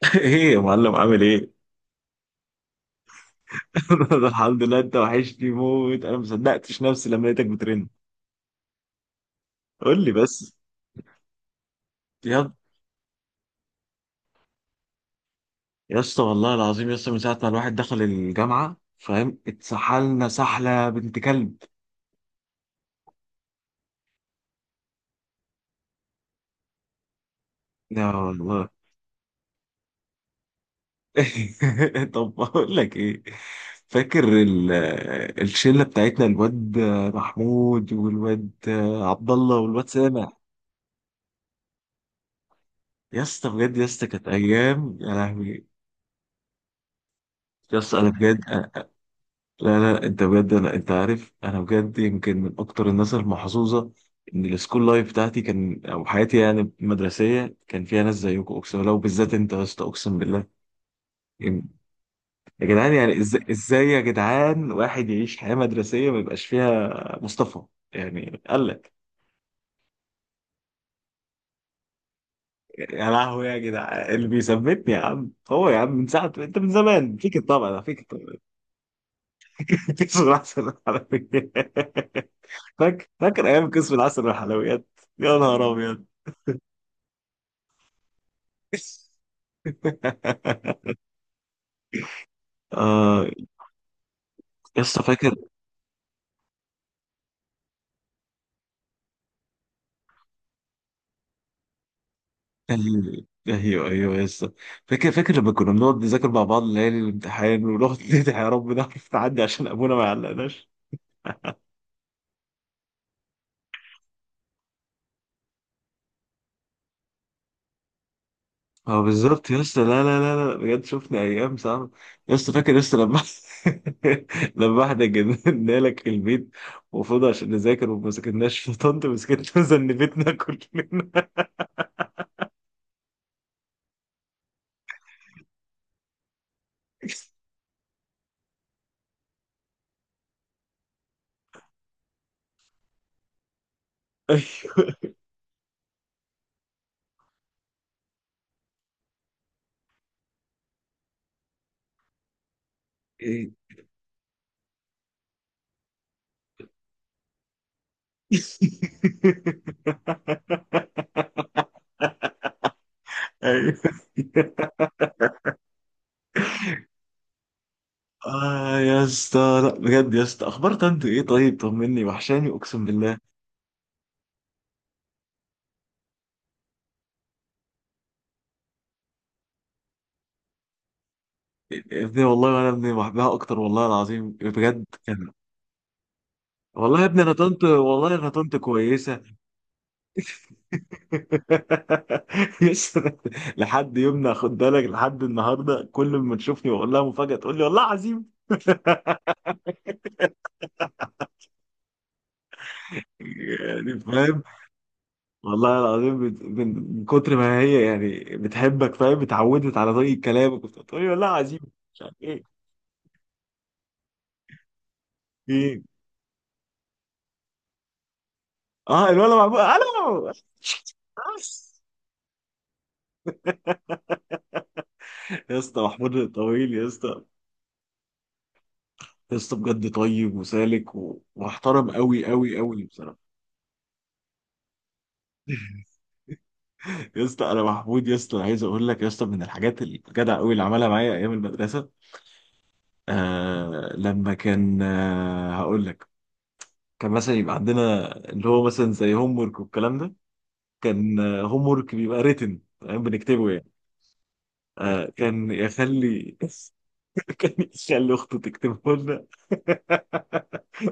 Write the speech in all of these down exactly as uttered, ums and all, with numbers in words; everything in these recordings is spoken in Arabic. ايه يا معلم، عامل ايه؟ أنا الحمد لله. انت وحشني موت، انا ما صدقتش نفسي لما لقيتك بترن. قول لي بس. يا يا اسطى، والله العظيم يا اسطى، من ساعه ما الواحد دخل الجامعه فاهم، اتسحلنا سحله بنت كلب. لا والله. طب بقول لك ايه. فاكر ال- الشله بتاعتنا، الواد محمود والواد عبد الله والواد سامع. يا اسطى بجد يا اسطى، كانت ايام يا لهوي. يا اسطى انا بجد. لا لا، انت بجد. لا، انت عارف، انا بجد يمكن من اكتر الناس المحظوظه، ان السكول لايف بتاعتي كان، او حياتي يعني المدرسيه، كان فيها ناس زيكم، اقسم بالله، وبالذات انت يا اسطى، اقسم بالله. يم- يا جدعان، يعني ازاي ازاي يا جدعان واحد يعيش حياه مدرسيه ما يبقاش فيها مصطفى، يعني قال لك. يا لهوي يا جدعان، اللي بيثبتني يا عم هو، يا عم من ساعه انت، من زمان فيك الطبع ده، فيك الطبع. كسر العسل والحلويات. فاكر فاكر ايام كسر العسل والحلويات. يا نهار ابيض. آه. يسطا فاكر. ال- ايوه ايوه يسطا، فاكر فاكر لما كنا بنقعد نذاكر مع بعض ليالي الامتحان ونقعد ندعي يا رب نعرف نعدي عشان ابونا ما يعلقناش. اه بالظبط يسطا، لا لا لا لا، بجد شفنا ايام صعبه. يسطا فاكر يسطا لما لما احنا جبنا لك البيت، المفروض عشان نذاكر وما ذاكرناش، فطنت مسكتنا وذنبتنا كلنا. ايوه. ايوه. اه يا اسطى، لا بجد يا اسطى، اخبار طنط ايه؟ طيب طمني، وحشاني اقسم بالله. يا ابني والله، وانا ابني بحبها اكتر والله العظيم بجد كان. والله يا ابني، انا طنط، والله انا طنط كويسه. يا اسطى، لحد يومنا خد بالك، لحد النهارده، كل ما تشوفني واقول لها مفاجاه تقول لي والله عظيم. يعني فاهم، والله العظيم، بت- من من كتر ما هي يعني بتحبك فاهم، اتعودت على طريقه كلامك وبتقول لي والله عظيم، مش عارف ايه. إيه؟ اه، الولا محمود الو. يا اسطى محمود الطويل يا اسطى. يا اسطى بجد طيب وسالك و- ومحترم قوي قوي قوي بصراحه. يا اسطى انا محمود، يا اسطى، أنا عايز اقول لك يا اسطى من الحاجات الجدع قوي اللي عملها معايا ايام المدرسه. آه لما كان آه هقول لك، كان مثلا يبقى عندنا اللي هو مثلا زي هوم ورك والكلام ده. كان هوم ورك بيبقى ريتن تمام، بنكتبه يعني. آه كان يخلي كان يخلي اخته تكتبه لنا.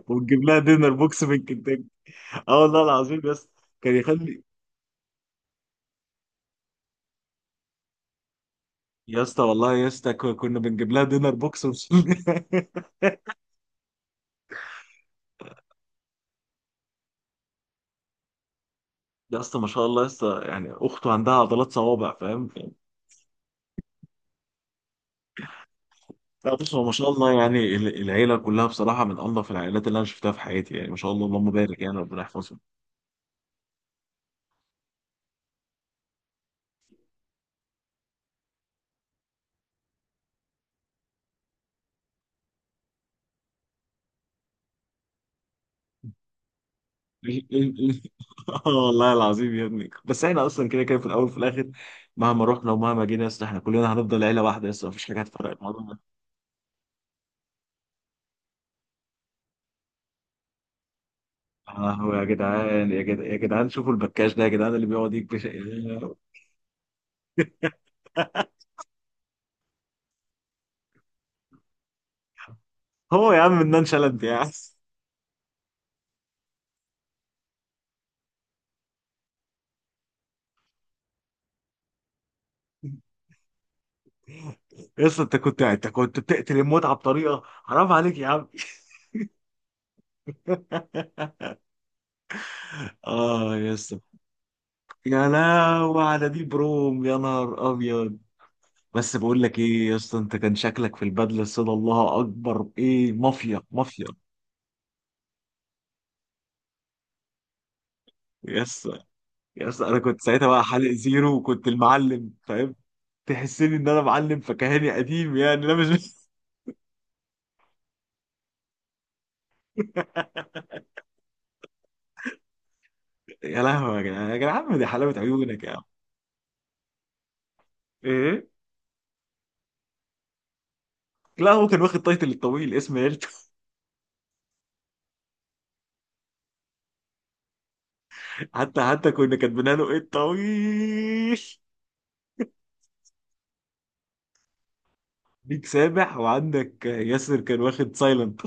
ونجيب لها دينر بوكس من كنتاكي. اه والله العظيم يا اسطى. كان يخلي. يا اسطى والله يا اسطى، ك- كنا بنجيب لها دينر بوكس ونشيل- يا اسطى ما شاء الله يا اسطى، يعني اخته عندها عضلات صوابع فاهم. لا بص، هو ما شاء الله يعني، ال- العيله كلها بصراحه من انظف العائلات اللي انا شفتها في حياتي، يعني ما شاء الله اللهم بارك، يعني ربنا يحفظهم. اه والله العظيم يا ابني، بس احنا اصلا كده كده في الاول وفي الاخر، مهما رحنا ومهما جينا يا اسطى، احنا كلنا هنفضل عيله واحده يا اسطى، مفيش حاجه هتفرق. اهو يا جدعان، يا جدعان، يا جدعان، شوفوا البكاش ده يا جدعان، اللي بيقعد يكبش. هو يا عم منان شلبي يا عم. يس، انت كنت انت كنت بتقتل المتعه بطريقه حرام عليك يا عم. اه يا اسطى. يا لهوي على دي بروم، يا نهار ابيض. بس بقول لك ايه يا اسطى، انت كان شكلك في البدله الصدى، الله اكبر، ايه مافيا مافيا. يا اسطى يا اسطى، انا كنت ساعتها بقى حالق زيرو، وكنت المعلم فاهم. تحسني ان انا معلم فكهاني قديم يعني، لا مش يا لهوي يا جدعان، يا جدعان، دي حلاوة عيونك يا عم. ايه؟ لا، هو كان واخد تايتل الطويل، اسم عيلته. حتى حتى كنا كاتبين له ايه الطويل. بيك سابح، وعندك ياسر كان واخد سايلنت.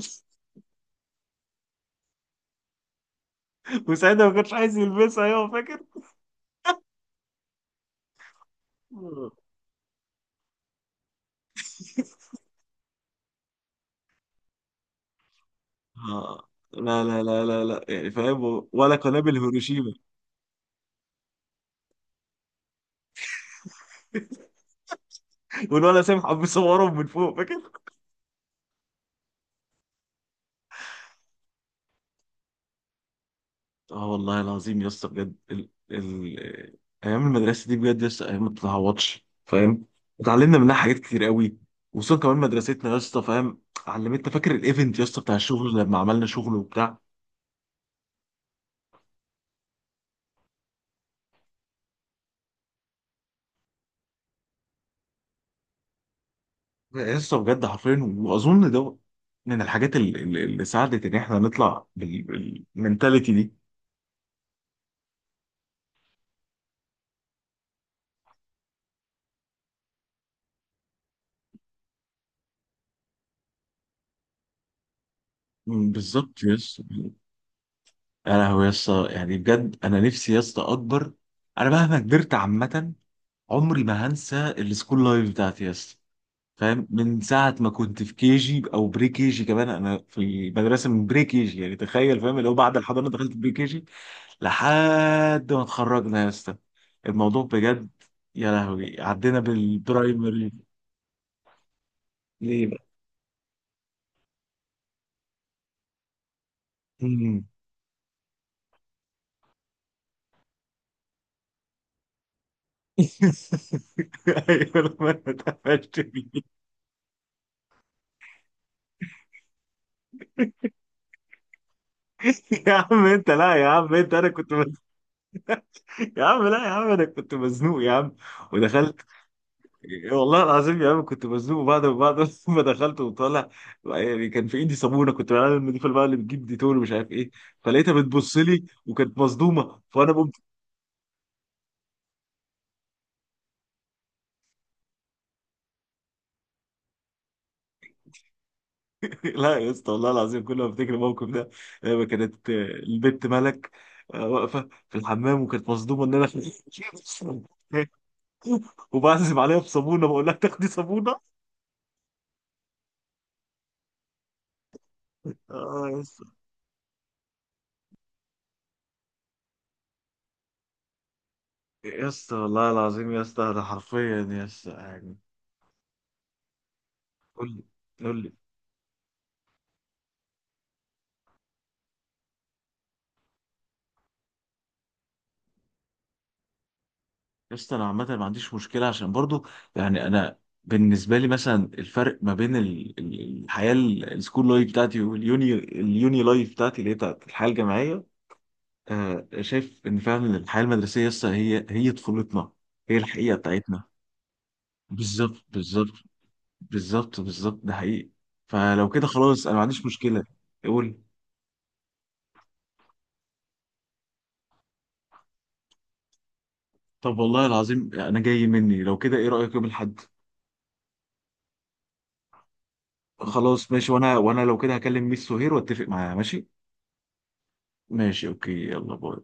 وساعتها ما كانش عايز يلبسها، ايوه فاكر. آه. لا لا لا لا لا، يعني فاهم، ولا قنابل هيروشيما. والولا سامح عم بيصورهم من فوق، فاكر. اه والله العظيم يا اسطى بجد، ال... ال... ايام المدرسه دي بجد يا اسطى، ايام ما بتتعوضش فاهم. اتعلمنا منها حاجات كتير قوي. وصلنا كمان مدرستنا يا اسطى فاهم، علمتنا. فاكر الايفنت يا اسطى بتاع الشغل لما عملنا شغل وبتاع. يا اسطى بجد حرفيا، واظن ده من الحاجات ال- ال- اللي ساعدت ان احنا نطلع بالمنتاليتي دي. مم، بالظبط يا اسطى. يا لهوي يا اسطى، يعني بجد انا نفسي يا اسطى اكبر. انا مهما كبرت عامه، عمري ما هنسى السكول لايف بتاعتي يا اسطى فاهم. من ساعة ما كنت في كي جي، أو بري كي جي كمان، أنا في مدرسة من بري كي جي يعني، تخيل فاهم، اللي هو بعد الحضانة دخلت بري كي جي لحد ما اتخرجنا يا اسطى. الموضوع بجد. يا لهوي، عدينا بالبرايمري. ليه بقى؟ مم. ايوه، لما انا اتقفشت بيه. يا عم انت، لا يا عم، انت انا كنت مزنوق. يا عم لا، يا عم انا كنت مزنوق يا عم، ودخلت. والله العظيم يا عم، كنت مزنوق بعد ما بعد ما دخلت وطالع. يعني كان في ايدي صابونه، كنت بعمل النضيفه بقى، اللي بتجيب ديتول ومش عارف ايه. فلقيتها بتبص لي وكانت مصدومه، فانا قمت. لا يا اسطى، والله العظيم، كل ما افتكر الموقف ده، لما كانت آه، البت ملك، آه، واقفه في الحمام وكانت مصدومه ان انا وبعزم عليها بصابونه، بقول لها تاخدي صابونه. اه يا اسطى. يا اسطى والله العظيم يا اسطى، انا حرفيا يا اسطى يعني. قول لي. قول لي. يسطا انا عامه ما عنديش مشكله، عشان برضو، يعني انا بالنسبه لي مثلا، الفرق ما بين ال- ال- الحياه ال- السكول لايف بتاعتي واليوني، اليوني لايف بتاعتي اللي هي بتاعت الحياه الجامعيه. آه، شايف ان فعلا الحياه المدرسيه يسطا، هي هي طفولتنا، هي الحقيقه بتاعتنا. بالظبط بالظبط، بالظبط بالظبط، ده حقيقي. فلو كده خلاص انا ما عنديش مشكله. قول. طب والله العظيم انا جاي مني، لو كده ايه رايك يوم الاحد؟ خلاص ماشي، وانا وانا لو كده هكلم ميس سهير واتفق معاها، ماشي. ماشي، اوكي، يلا باي.